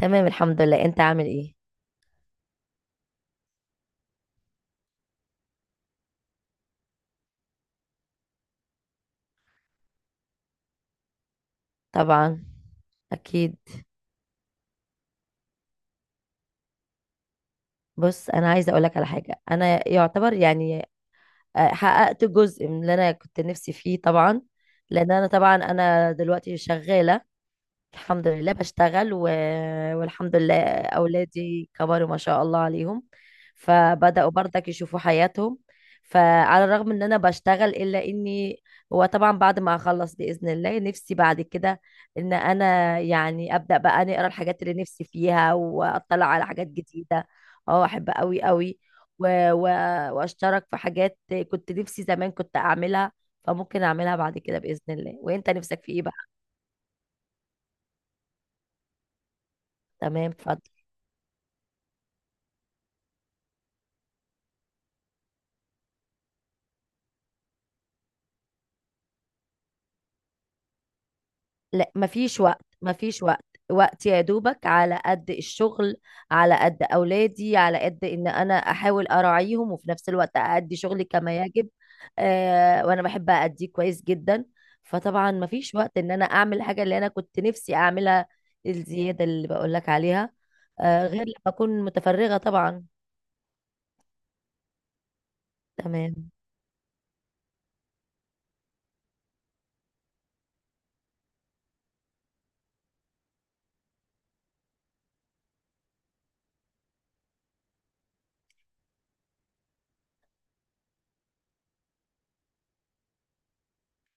تمام، الحمد لله. انت عامل ايه؟ طبعا. اكيد. بص، انا عايزه اقول لك على حاجه. انا يعتبر يعني حققت جزء من اللي انا كنت نفسي فيه طبعا. لان انا دلوقتي شغاله. الحمد لله بشتغل والحمد لله. أولادي كبروا ما شاء الله عليهم، فبدأوا برضك يشوفوا حياتهم. فعلى الرغم إن أنا بشتغل، إلا إني هو طبعا بعد ما أخلص بإذن الله نفسي بعد كده إن أنا يعني أبدأ بقى نقرأ الحاجات اللي نفسي فيها وأطلع على حاجات جديدة. أه، أحب أوي أوي و... و... وأشترك في حاجات كنت نفسي زمان كنت أعملها، فممكن أعملها بعد كده بإذن الله. وإنت نفسك في إيه بقى؟ تمام، اتفضل. لا، مفيش وقت، مفيش وقت. وقت يا دوبك على قد الشغل، على قد أولادي، على قد إن أنا أحاول أراعيهم وفي نفس الوقت أأدي شغلي كما يجب. وأنا بحب أأديه كويس جدا. فطبعا مفيش وقت إن أنا أعمل الحاجة اللي أنا كنت نفسي أعملها، الزيادة اللي بقولك عليها، غير لما أكون متفرغة طبعا. تمام.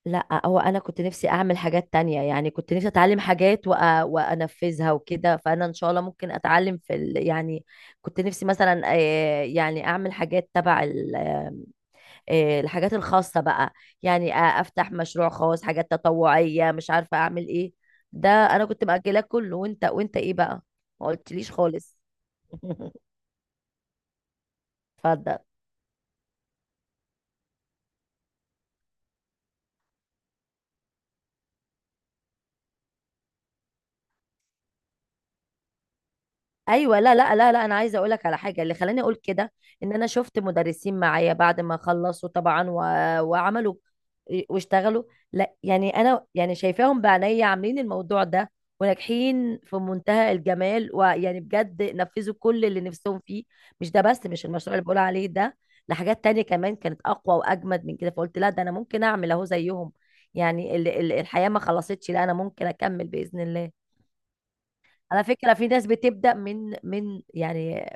لا، هو انا كنت نفسي اعمل حاجات تانية، يعني كنت نفسي اتعلم حاجات وانفذها وكده، فانا ان شاء الله ممكن اتعلم في يعني كنت نفسي مثلا يعني اعمل حاجات تبع ال... آه، الحاجات الخاصة بقى. يعني افتح مشروع خاص، حاجات تطوعية، مش عارفة اعمل ايه. ده انا كنت مأجلاه كله. وانت ايه بقى؟ ما قلتليش خالص. اتفضل. ايوه. لا لا لا لا، انا عايزه اقول لك على حاجه اللي خلاني اقول كده. ان انا شفت مدرسين معايا بعد ما خلصوا طبعا وعملوا واشتغلوا. لا، يعني انا يعني شايفاهم بعينيا عاملين الموضوع ده وناجحين في منتهى الجمال، ويعني بجد نفذوا كل اللي نفسهم فيه. مش ده بس، مش المشروع اللي بقول عليه ده، لحاجات تانية كمان كانت اقوى واجمد من كده، فقلت لا، ده انا ممكن اعمل اهو زيهم. يعني الحياه ما خلصتش، لا، انا ممكن اكمل باذن الله. على فكرة في ناس بتبدأ من يعني،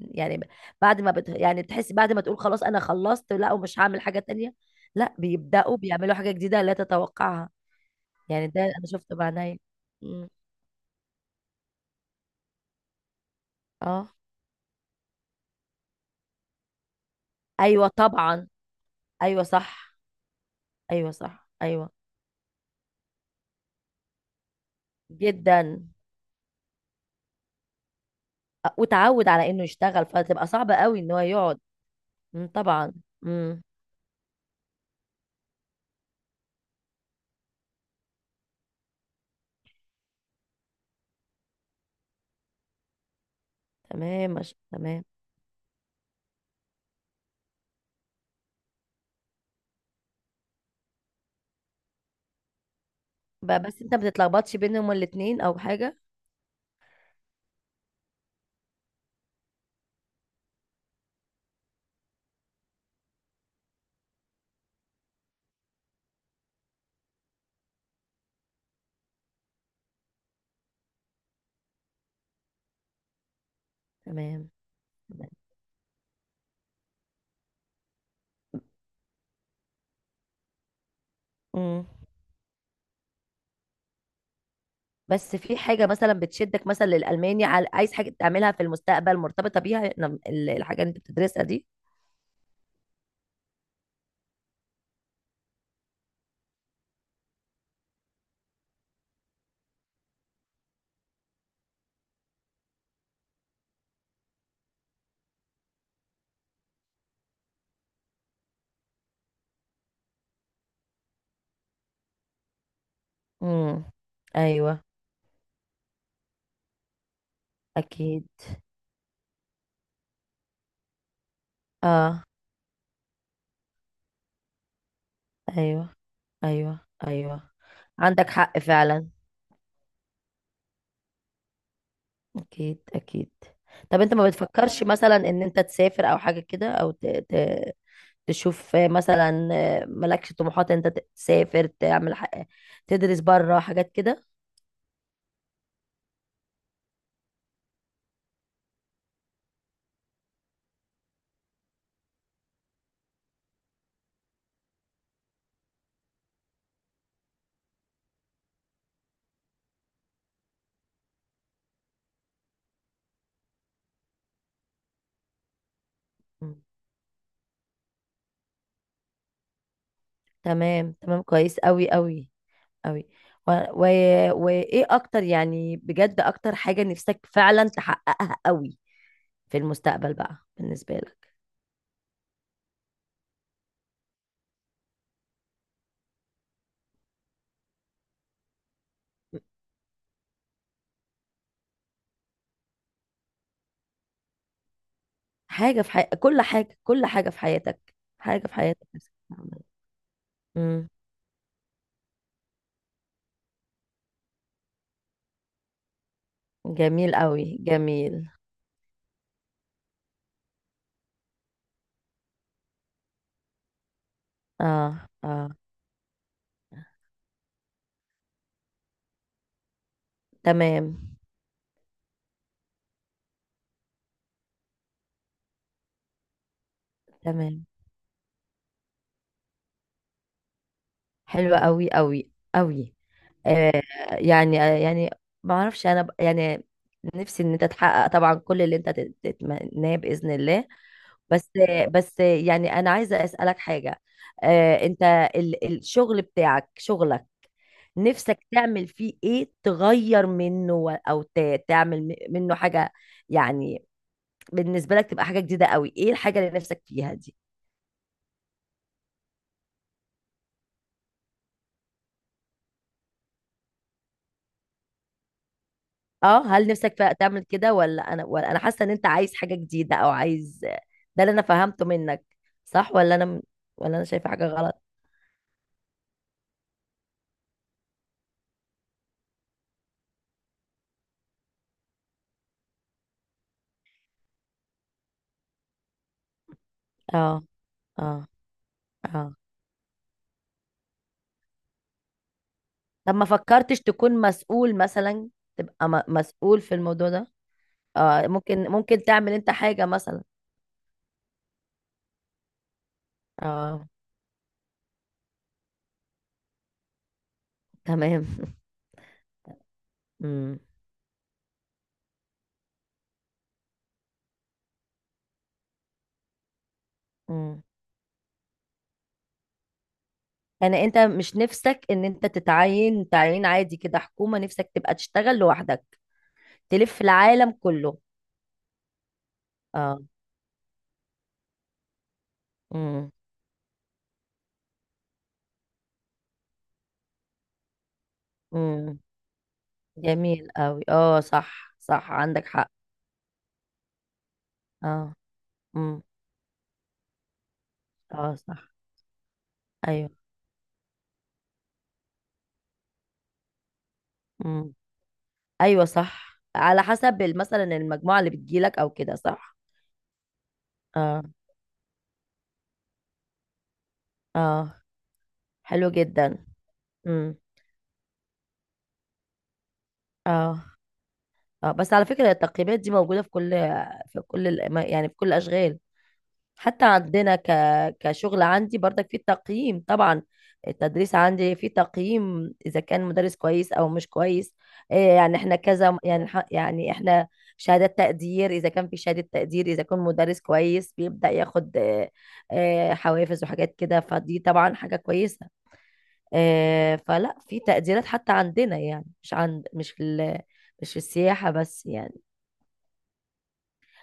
يعني بعد ما بت يعني تحس، بعد ما تقول خلاص أنا خلصت لا ومش هعمل حاجة تانية، لا بيبدأوا بيعملوا حاجة جديدة لا تتوقعها. يعني ده أنا شفته بعيني. مم. اه. أيوة طبعا. أيوة صح، أيوة صح، أيوة. جدا. وتعود على إنه يشتغل فتبقى صعبة قوي إن هو يقعد. مم. طبعا. مم. تمام، مش تمام. بس أنت ما بتتلخبطش بينهم الاتنين أو حاجة؟ تمام، تمام. مم. بس في حاجة مثلا بتشدك مثلا للألماني؟ عايز حاجة تعملها في المستقبل مرتبطة بيها؟ الحاجة اللي انت بتدرسها دي؟ امم. ايوه. اكيد. اه. ايوه، ايوه، ايوه، عندك حق فعلا. اكيد، اكيد. طب انت ما بتفكرش مثلا ان انت تسافر او حاجة كده؟ او تشوف مثلا؟ مالكش طموحات انت تسافر، تعمل تدرس بره، حاجات كده؟ مم. تمام، تمام، كويس قوي، قوي، قوي. و... و... وايه اكتر، يعني بجد، اكتر حاجة نفسك فعلا تحققها قوي في المستقبل بقى بالنسبة لك؟ حاجة في حي... كل حاجة كل حاجة في حياتك حاجة في حياتك نفسك تعملها. امم. جميل قوي، جميل. اه، اه. تمام، تمام، حلوة قوي، قوي، قوي. آه. يعني يعني ما اعرفش. انا يعني نفسي ان انت تحقق طبعا كل اللي انت تتمناه بإذن الله. بس، بس يعني انا عايزه اسالك حاجه. انت الشغل بتاعك، شغلك نفسك تعمل فيه ايه؟ تغير منه او تعمل منه حاجه يعني بالنسبه لك تبقى حاجه جديده قوي؟ ايه الحاجه اللي نفسك فيها دي؟ اه، هل نفسك فيها تعمل كده؟ ولا انا، ولا انا حاسه ان انت عايز حاجه جديده او عايز؟ ده اللي انا فهمته منك، صح؟ ولا انا شايفه حاجه غلط؟ اه، اه، اه. طب ما فكرتش تكون مسؤول مثلا؟ تبقى مسؤول في الموضوع ده. اه، ممكن، ممكن تعمل انت حاجة مثلا. اه، تمام. امم، امم. يعني انت مش نفسك ان انت تتعين تعيين عادي كده، حكومة؟ نفسك تبقى تشتغل لوحدك، تلف العالم كله؟ اه. امم، امم، جميل قوي. اه، صح، صح، عندك حق. اه. امم. اه، صح. ايوه. امم. ايوه صح، على حسب مثلا المجموعة اللي بتجيلك او كده، صح؟ اه، اه، حلو جدا. امم. اه، اه. بس على فكرة التقييمات دي موجودة في كل، في كل يعني في كل الأشغال، حتى عندنا كشغل عندي برضك في تقييم طبعا. التدريس عندي في تقييم، إذا كان مدرس كويس أو مش كويس. إيه يعني احنا كذا، يعني يعني احنا شهادات تقدير، إذا كان في شهادة تقدير، إذا كان مدرس كويس بيبدأ ياخد حوافز وحاجات كده، فدي طبعا حاجة كويسة. فلا في تقديرات حتى عندنا، يعني مش عند، مش في مش في السياحة بس يعني.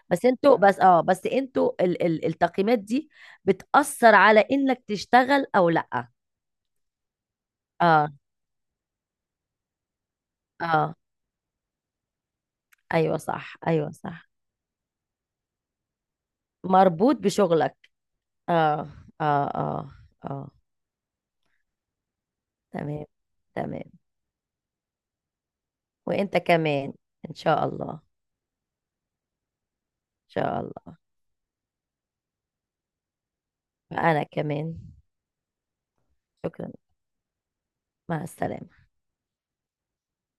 بس انتوا ال التقييمات دي بتأثر على انك تشتغل او لا؟ اه، اه، ايوه صح، ايوه صح، مربوط بشغلك. اه، اه، اه، اه. تمام، تمام. وانت كمان ان شاء الله. ان شاء الله. انا كمان. شكرا. مع السلامة.